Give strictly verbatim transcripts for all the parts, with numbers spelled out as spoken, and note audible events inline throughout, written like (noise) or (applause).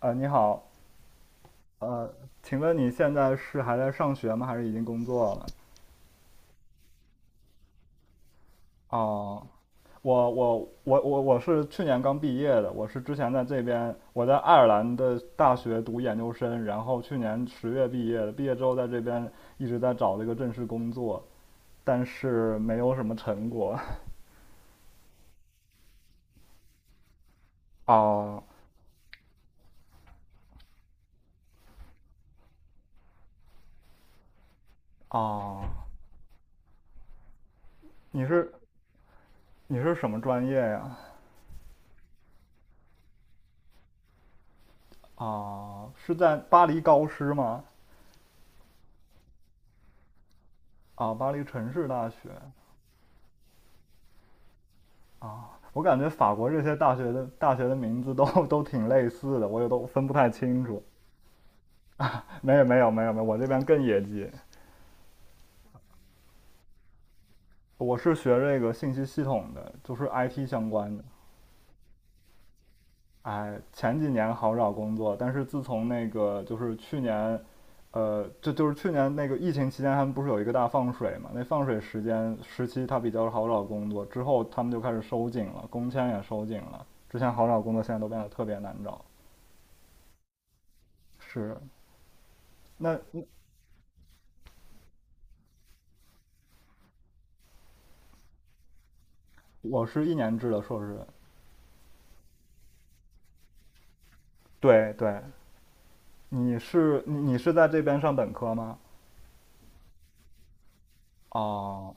呃，你好。呃，请问你现在是还在上学吗？还是已经工作了？哦，我我我我我是去年刚毕业的，我是之前在这边，我在爱尔兰的大学读研究生，然后去年十月毕业的，毕业之后在这边一直在找这个正式工作，但是没有什么成果。(laughs) 啊啊。你是你是什么专业呀？啊，是在巴黎高师吗？啊，巴黎城市大学。啊，我感觉法国这些大学的大学的名字都 (laughs) 都挺类似的，我也都分不太清楚。没有没有没有没有，我这边更野鸡。我是学这个信息系统的，就是 I T 相关的。哎，前几年好找工作，但是自从那个就是去年，呃，就就是去年那个疫情期间，他们不是有一个大放水嘛？那放水时间时期，它比较好找工作，之后他们就开始收紧了，工签也收紧了。之前好找工作，现在都变得特别难找。是。那我是一年制的硕士。对对，你是你你是在这边上本科吗？哦，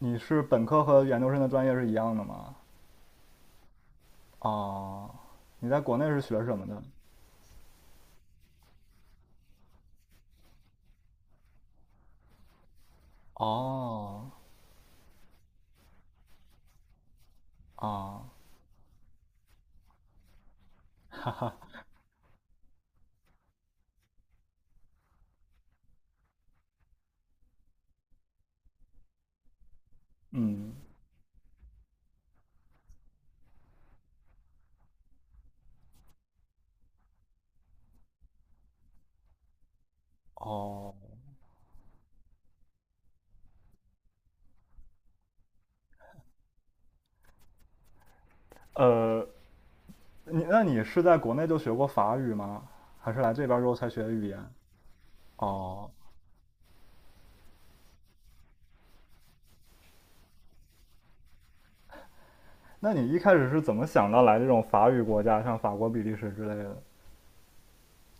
你是本科和研究生的专业是一样的吗？哦，你在国内是学什么的？哦，啊，嗯，哦，呃，你那你是在国内就学过法语吗？还是来这边之后才学的语言？哦，那你一开始是怎么想到来这种法语国家，像法国、比利时之类的？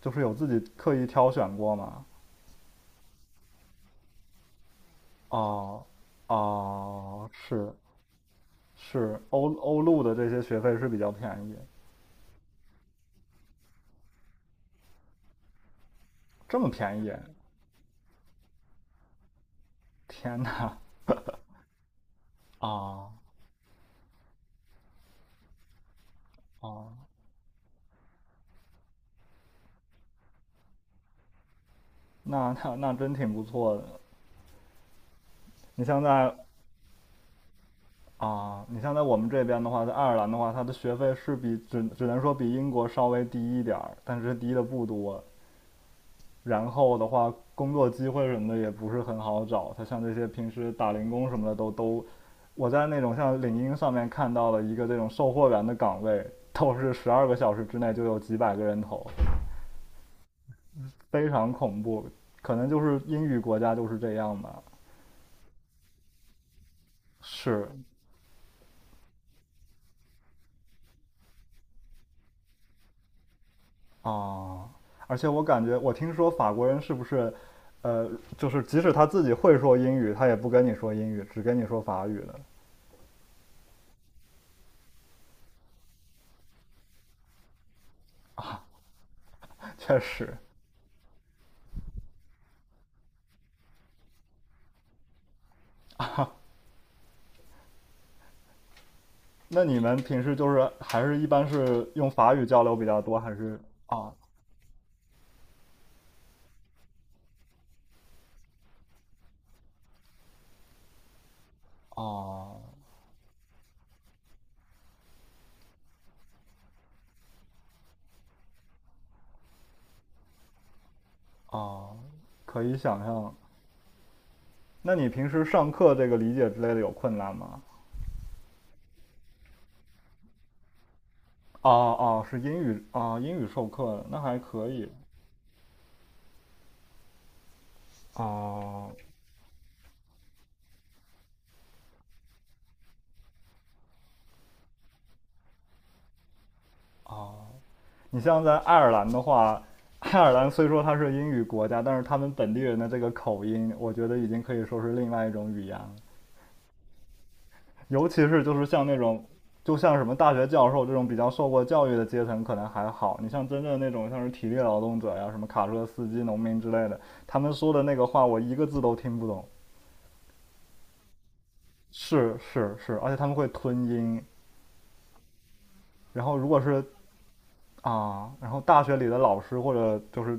就是有自己刻意挑选过吗？哦。哦，是。是，欧欧陆的这些学费是比较便宜。这么便宜。天呐！啊。哦，那那那真挺不错的。你像在啊，你像在我们这边的话，在爱尔兰的话，它的学费是比只只能说比英国稍微低一点儿，但是低的不多。然后的话，工作机会什么的也不是很好找。他像这些平时打零工什么的都都。我在那种像领英上面看到了一个这种售货员的岗位，(laughs) 都是十二个小时之内就有几百个人投，非常恐怖。可能就是英语国家就是这样吧。是。啊，而且我感觉，我听说法国人是不是，呃，就是即使他自己会说英语，他也不跟你说英语，只跟你说法语的。确实。那你们平时就是还是一般是用法语交流比较多，还是？啊。啊。啊？可以想象。那你平时上课这个理解之类的有困难吗？哦。哦，是英语啊，英语授课那还可以。哦。哦，你像在爱尔兰的话，爱尔兰虽说它是英语国家，但是他们本地人的这个口音，我觉得已经可以说是另外一种语言了。尤其是就是像那种，就像什么大学教授这种比较受过教育的阶层可能还好，你像真正那种像是体力劳动者呀、什么卡车司机、农民之类的，他们说的那个话我一个字都听不懂。是是是，而且他们会吞音。然后如果是啊，然后大学里的老师或者就是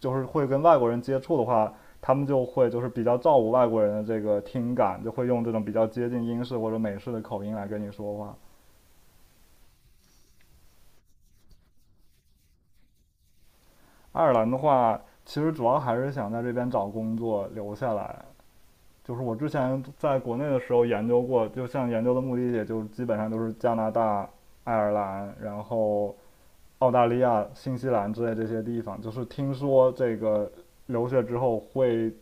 就是会跟外国人接触的话，他们就会就是比较照顾外国人的这个听感，就会用这种比较接近英式或者美式的口音来跟你说话。爱尔兰的话，其实主要还是想在这边找工作留下来。就是我之前在国内的时候研究过，就像研究的目的也就基本上都是加拿大、爱尔兰，然后澳大利亚、新西兰之类这些地方。就是听说这个留学之后会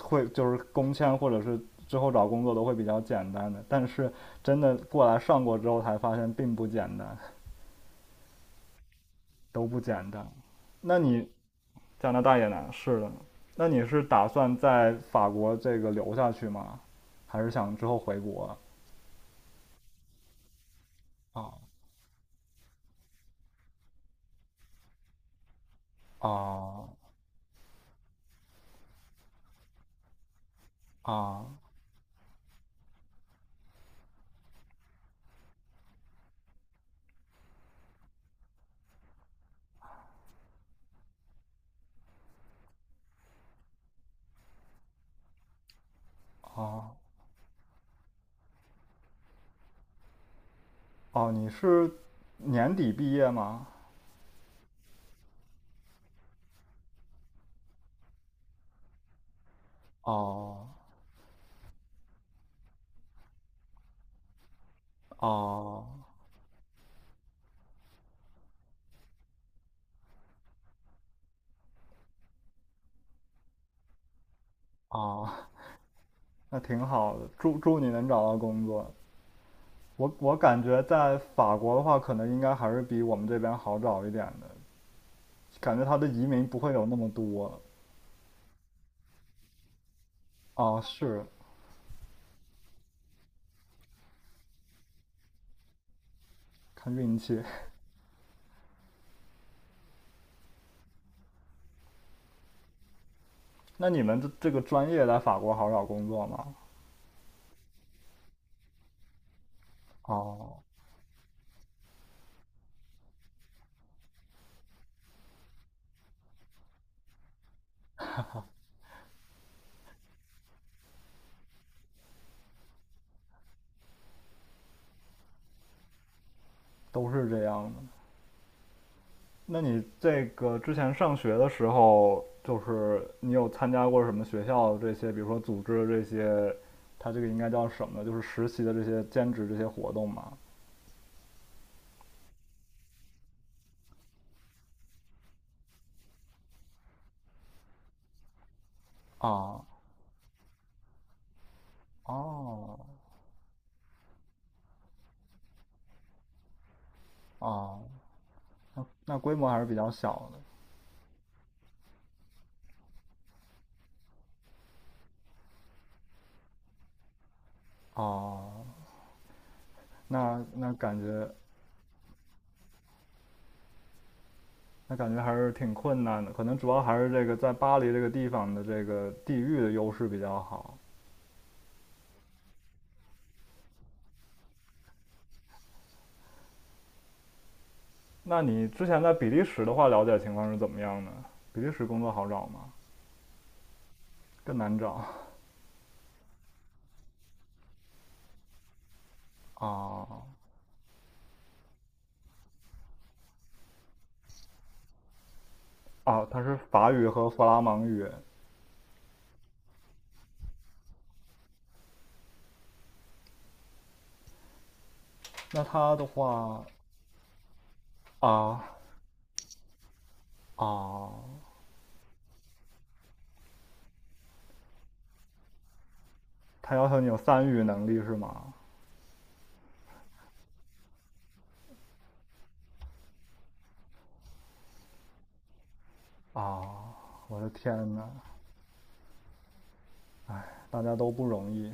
会就是工签或者是之后找工作都会比较简单的，但是真的过来上过之后才发现并不简单，都不简单。那你加拿大也难，是的。那你是打算在法国这个留下去吗？还是想之后回国？啊。啊。啊。啊！哦，你是年底毕业吗？哦。哦。哦，那挺好的，祝祝你能找到工作。我我感觉在法国的话，可能应该还是比我们这边好找一点的，感觉他的移民不会有那么多。啊，是。看运气。那你们这这个专业在法国好找工作吗？哦，都是这样的。那你这个之前上学的时候，就是你有参加过什么学校这些，比如说组织这些，它这个应该叫什么就是实习的这些兼职这些活动吗？啊。哦。哦，那那规模还是比较小的。哦，那那感觉那感觉还是挺困难的，可能主要还是这个在巴黎这个地方的这个地域的优势比较好。那你之前在比利时的话，了解情况是怎么样的？比利时工作好找吗？更难找。啊。啊！它是法语和弗拉芒语。那它的话，啊。啊，它要求你有三语能力是吗？啊，我的天呐。哎，大家都不容易。